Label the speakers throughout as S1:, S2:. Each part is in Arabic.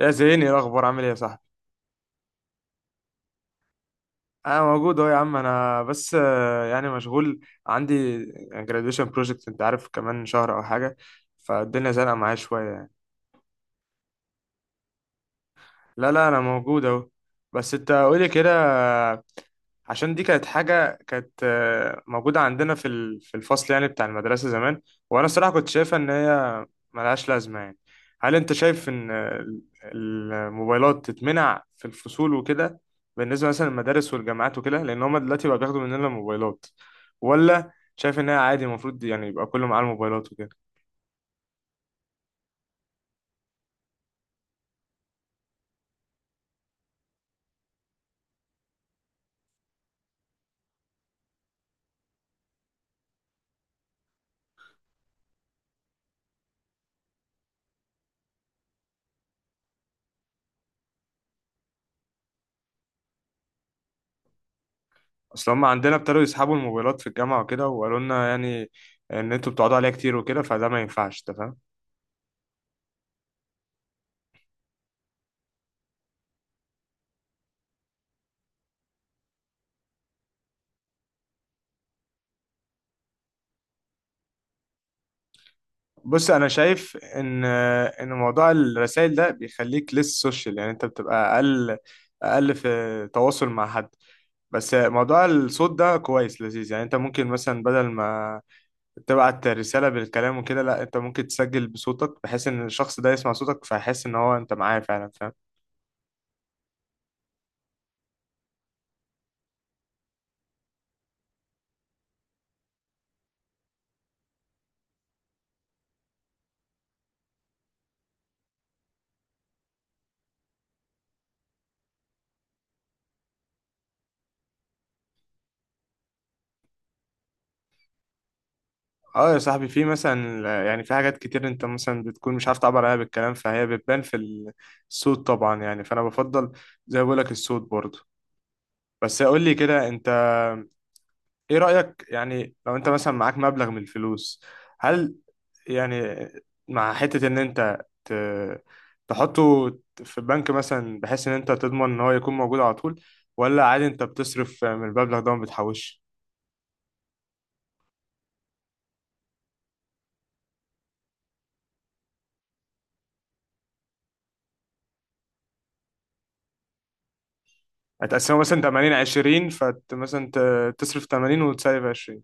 S1: يا زيني، إيه الاخبار؟ عامل ايه يا صاحبي؟ انا موجود اهو يا عم، انا بس يعني مشغول، عندي graduation project. انت عارف كمان شهر او حاجه. فالدنيا زنقه معايا شويه يعني. لا لا، انا موجود اهو. بس انت قولي كده، عشان دي كانت حاجة، كانت موجودة عندنا في الفصل يعني بتاع المدرسة زمان. وأنا الصراحة كنت شايفها إن هي ملهاش لازمة يعني. هل أنت شايف إن الموبايلات تتمنع في الفصول وكده، بالنسبة مثلا للمدارس والجامعات وكده، لأن هما دلوقتي بقى بياخدوا مننا الموبايلات؟ ولا شايف إن هي عادي، المفروض يعني يبقى كله معاه الموبايلات وكده؟ أصل هما عندنا ابتدوا يسحبوا الموبايلات في الجامعة وكده، وقالوا لنا يعني إن أنتوا بتقعدوا عليها كتير وكده، فده ما ينفعش، أنت فاهم؟ بص، انا شايف ان موضوع الرسائل ده بيخليك لسه سوشيال، يعني انت بتبقى اقل اقل في تواصل مع حد. بس موضوع الصوت ده كويس لذيذ، يعني انت ممكن مثلا بدل ما تبعت رسالة بالكلام وكده، لا، انت ممكن تسجل بصوتك بحيث ان الشخص ده يسمع صوتك فيحس ان هو انت معاه فعلا، فاهم؟ اه يا صاحبي، في مثلا يعني في حاجات كتير انت مثلا بتكون مش عارف تعبر عنها بالكلام، فهي بتبان في الصوت طبعا يعني، فانا بفضل زي ما بقولك الصوت برضه. بس قول لي كده انت، ايه رأيك يعني لو انت مثلا معاك مبلغ من الفلوس، هل يعني مع حتة ان انت تحطه في البنك مثلا بحيث ان انت تضمن ان هو يكون موجود على طول، ولا عادي انت بتصرف من المبلغ ده وما بتحوش؟ هتقسمه مثلا 80 20، فت مثلا تصرف 80 وتسيب 20؟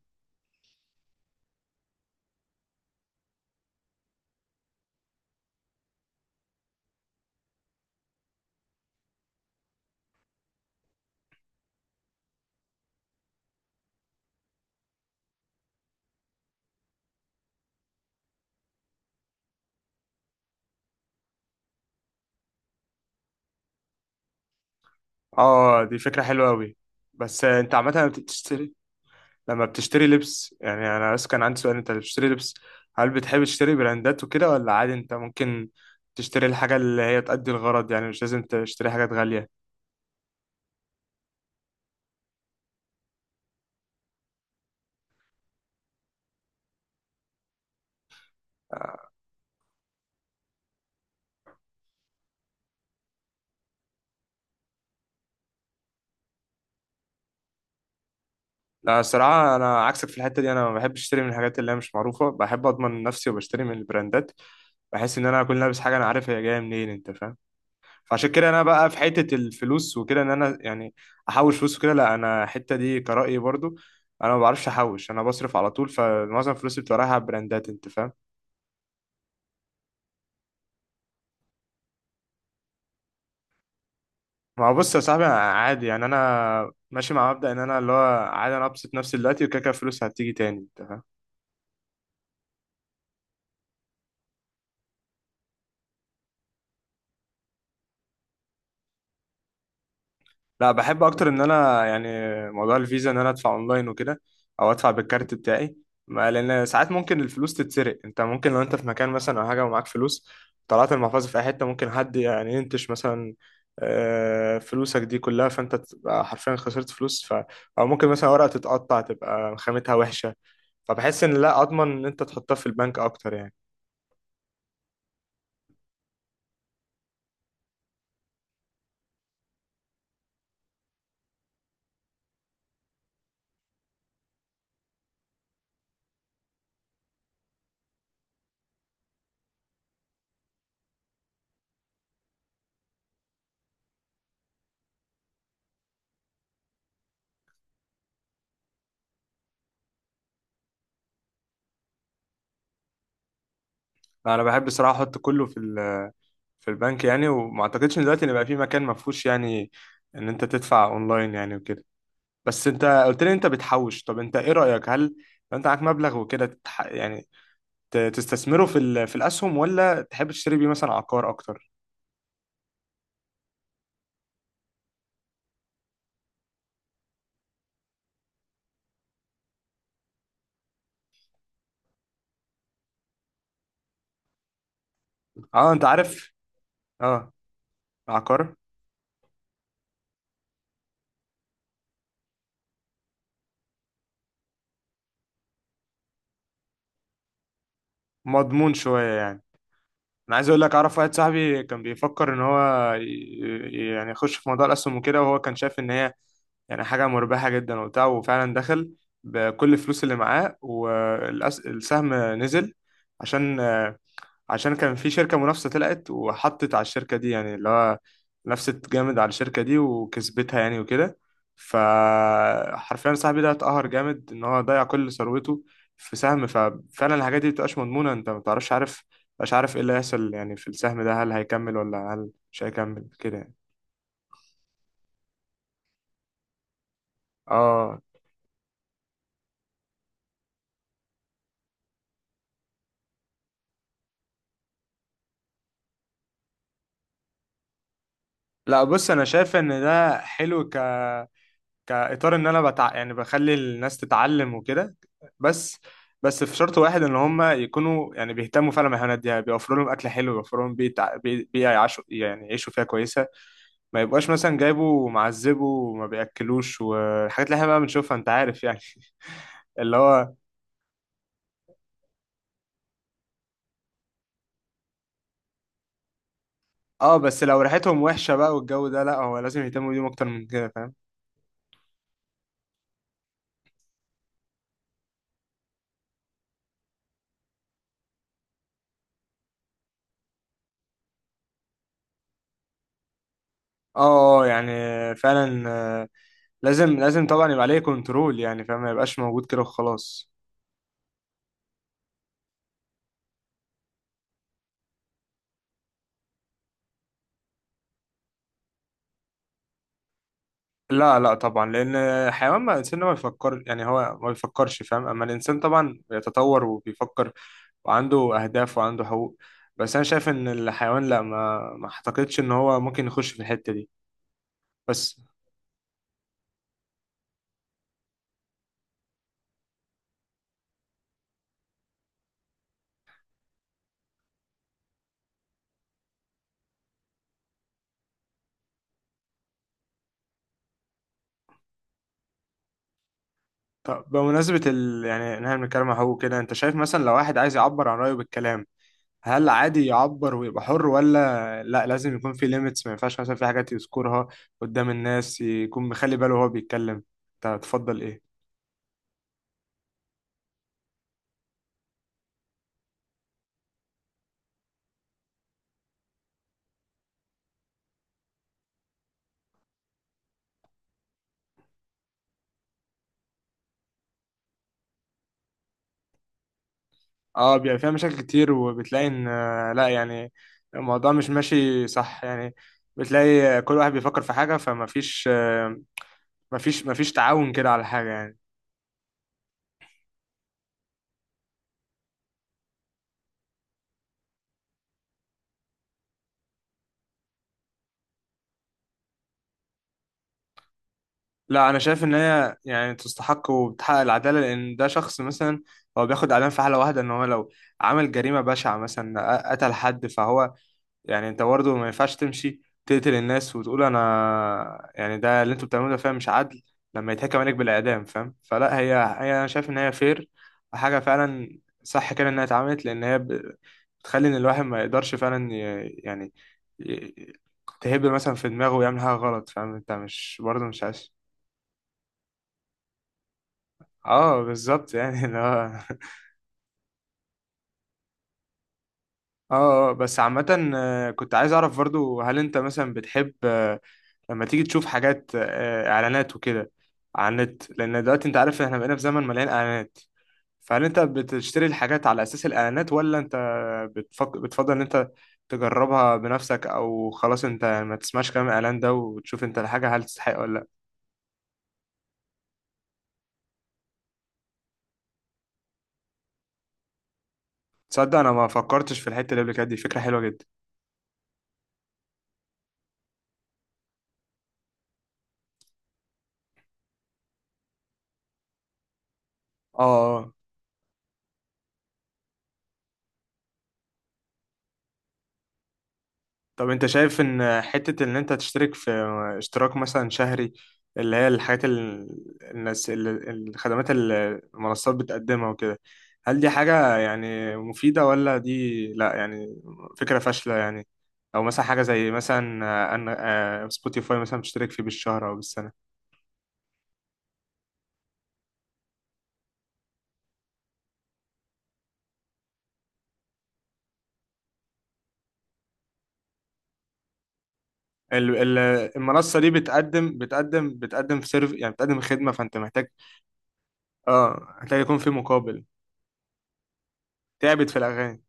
S1: اه دي فكرة حلوة قوي. بس انت عامة بتشتري، لما بتشتري لبس يعني، انا بس كان عندي سؤال، انت اللي بتشتري لبس، هل بتحب تشتري براندات وكده ولا عادي انت ممكن تشتري الحاجة اللي هي تأدي الغرض يعني، مش لازم تشتري حاجات غالية؟ لا الصراحة، أنا عكسك في الحتة دي، أنا ما بحبش أشتري من الحاجات اللي هي مش معروفة، بحب أضمن نفسي وبشتري من البراندات. بحس إن أنا أكون لابس حاجة أنا عارف هي جاية منين، أنت فاهم؟ فعشان كده أنا بقى في حتة الفلوس وكده إن أنا يعني أحوش فلوس وكده، لا، أنا الحتة دي كرأيي برضو، أنا ما بعرفش أحوش، أنا بصرف على طول، فمعظم فلوسي بتبقى رايحة على البراندات، أنت فاهم؟ ما هو بص يا صاحبي، أنا عادي يعني، انا ماشي مع مبدأ ان انا اللي هو عادي انا ابسط نفسي دلوقتي، وكده كده الفلوس هتيجي تاني، انت فاهم؟ لا، بحب اكتر ان انا يعني موضوع الفيزا، ان انا ادفع اونلاين وكده، او ادفع بالكارت بتاعي. ما لان ساعات ممكن الفلوس تتسرق، انت ممكن لو انت في مكان مثلا او حاجه ومعاك فلوس، طلعت المحفظه في اي حته، ممكن حد يعني ينتش مثلا فلوسك دي كلها، فانت تبقى حرفيا خسرت فلوس. او ممكن مثلا ورقه تتقطع تبقى خامتها وحشه، فبحس ان لا، اضمن ان انت تحطها في البنك اكتر يعني. انا بحب الصراحه احط كله في البنك يعني، وما اعتقدش ان دلوقتي ان بقى في مكان ما فيهوش يعني ان انت تدفع اونلاين يعني وكده. بس انت قلت لي انت بتحوش، طب انت ايه رايك؟ هل لو انت معاك مبلغ وكده يعني تستثمره في الاسهم، ولا تحب تشتري بيه مثلا عقار اكتر؟ اه انت عارف. اه، عقار مضمون شويه يعني. انا عايز اقول لك، اعرف واحد صاحبي كان بيفكر ان هو يعني يخش في موضوع الاسهم وكده، وهو كان شايف ان هي يعني حاجة مربحة جدا وبتاع، وفعلا دخل بكل الفلوس اللي معاه والسهم نزل. عشان عشان كان في شركة منافسة طلعت وحطت على الشركة دي، يعني اللي هو نفست جامد على الشركة دي وكسبتها يعني وكده. فحرفيا صاحبي ده اتقهر جامد ان هو ضيع كل ثروته في سهم، ففعلا الحاجات دي مبتبقاش مضمونة، انت مبتعرفش، عارف مش عارف ايه اللي هيحصل يعني في السهم ده، هل هيكمل ولا هل مش هيكمل كده يعني. اه لا، بص انا شايف ان ده حلو كاطار ان انا يعني بخلي الناس تتعلم وكده. بس بس، في شرط واحد ان هم يكونوا يعني بيهتموا فعلا بالحيوانات دي، يعني بيوفروا لهم اكل حلو، بيوفروا لهم بيئه بيئة يعيشوا يعني يعيشوا فيها كويسه. ما يبقاش مثلا جايبه ومعذبه وما بياكلوش والحاجات اللي احنا بقى بنشوفها انت عارف يعني. اللي هو. اه، بس لو ريحتهم وحشه بقى والجو ده، لا، هو لازم يهتموا بيهم اكتر من كده، فاهم؟ اه، يعني فعلا، لازم لازم طبعا يبقى عليه كنترول يعني، فاهم، ما يبقاش موجود كده وخلاص. لا لا طبعا، لان حيوان ما الانسان ما بيفكر، يعني هو ما بيفكرش فاهم، اما الانسان طبعا بيتطور وبيفكر وعنده اهداف وعنده حقوق. بس انا شايف ان الحيوان لا، ما اعتقدش ان هو ممكن يخش في الحتة دي. بس. طب بمناسبة يعني ان احنا بنتكلم عن حقوق كده، انت شايف مثلا لو واحد عايز يعبر عن رأيه بالكلام، هل عادي يعبر ويبقى حر، ولا لا، لازم يكون في ليميتس، ما ينفعش مثلا في حاجات يذكرها قدام الناس، يكون مخلي باله وهو بيتكلم، انت تفضل ايه؟ اه بيبقى فيها مشاكل كتير، وبتلاقي ان لا يعني الموضوع مش ماشي صح يعني، بتلاقي كل واحد بيفكر في حاجة، فما فيش ما فيش تعاون كده على حاجة يعني. لا، انا شايف ان هي يعني تستحق وبتحقق العدالة، لان ده شخص مثلا هو بياخد اعدام في حالة واحدة، ان هو لو عمل جريمة بشعة مثلا قتل حد، فهو يعني، انت برضه ما ينفعش تمشي تقتل الناس وتقول انا يعني ده اللي انتوا بتعملوه، ده فعلا مش عدل لما يتحكم عليك بالاعدام، فاهم؟ فلا، هي هي، انا شايف ان هي فير وحاجه فعلا صح كده انها اتعملت، لان هي بتخلي ان الواحد ما يقدرش فعلا يعني ي- تهب مثلا في دماغه ويعمل حاجه غلط، فاهم، انت مش برضه مش عايز. اه بالظبط. يعني اللي هو. اه، بس عامة كنت عايز اعرف برضو، هل انت مثلا بتحب لما تيجي تشوف حاجات اعلانات وكده على النت، لان دلوقتي انت عارف احنا بقينا في زمن مليان اعلانات، فهل انت بتشتري الحاجات على اساس الاعلانات، ولا انت بتفضل ان انت تجربها بنفسك، او خلاص انت ما تسمعش كلام الاعلان ده وتشوف انت الحاجه هل تستحق ولا لا؟ تصدق انا ما فكرتش في الحته اللي قبل كده، دي فكره حلوه جدا. اه، طب انت شايف ان حتة ان انت تشترك في اشتراك مثلا شهري، اللي هي الحاجات الناس الخدمات اللي المنصات بتقدمها وكده، هل دي حاجة يعني مفيدة، ولا دي لا يعني فكرة فاشلة يعني، او مثلا حاجة زي مثلا ان سبوتيفاي مثلا بتشترك فيه بالشهر او بالسنة؟ ال- ال- المنصة دي بتقدم في سيرف يعني بتقدم خدمة، فانت محتاج. اه محتاج يكون في مقابل، تعبت في الاغاني.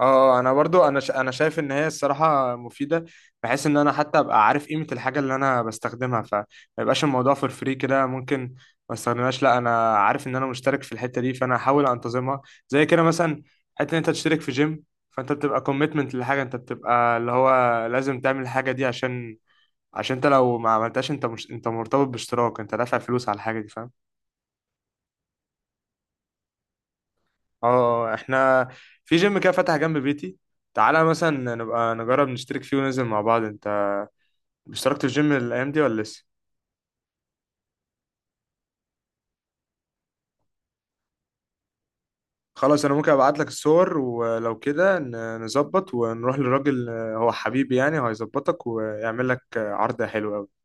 S1: اه، انا برضو انا شايف ان هي الصراحه مفيده، بحيث ان انا حتى ابقى عارف قيمه الحاجه اللي انا بستخدمها، فما يبقاش الموضوع فور فري كده ممكن ما استخدمهاش، لا انا عارف ان انا مشترك في الحته دي فانا هحاول انتظمها. زي كده مثلا، حته ان انت تشترك في جيم، فانت بتبقى كوميتمنت لحاجه، انت بتبقى اللي هو لازم تعمل الحاجه دي، عشان انت لو ما عملتهاش انت مش، انت مرتبط باشتراك انت دافع فلوس على الحاجه دي، فاهم؟ اه احنا في جيم كده فتح جنب بيتي، تعالى مثلا نبقى نجرب نشترك فيه وننزل مع بعض. اشتركت في الجيم الايام دي ولا لسه؟ خلاص، انا ممكن ابعت لك الصور ولو كده نظبط ونروح للراجل، هو حبيبي يعني هيظبطك ويعمل لك عرض حلو قوي.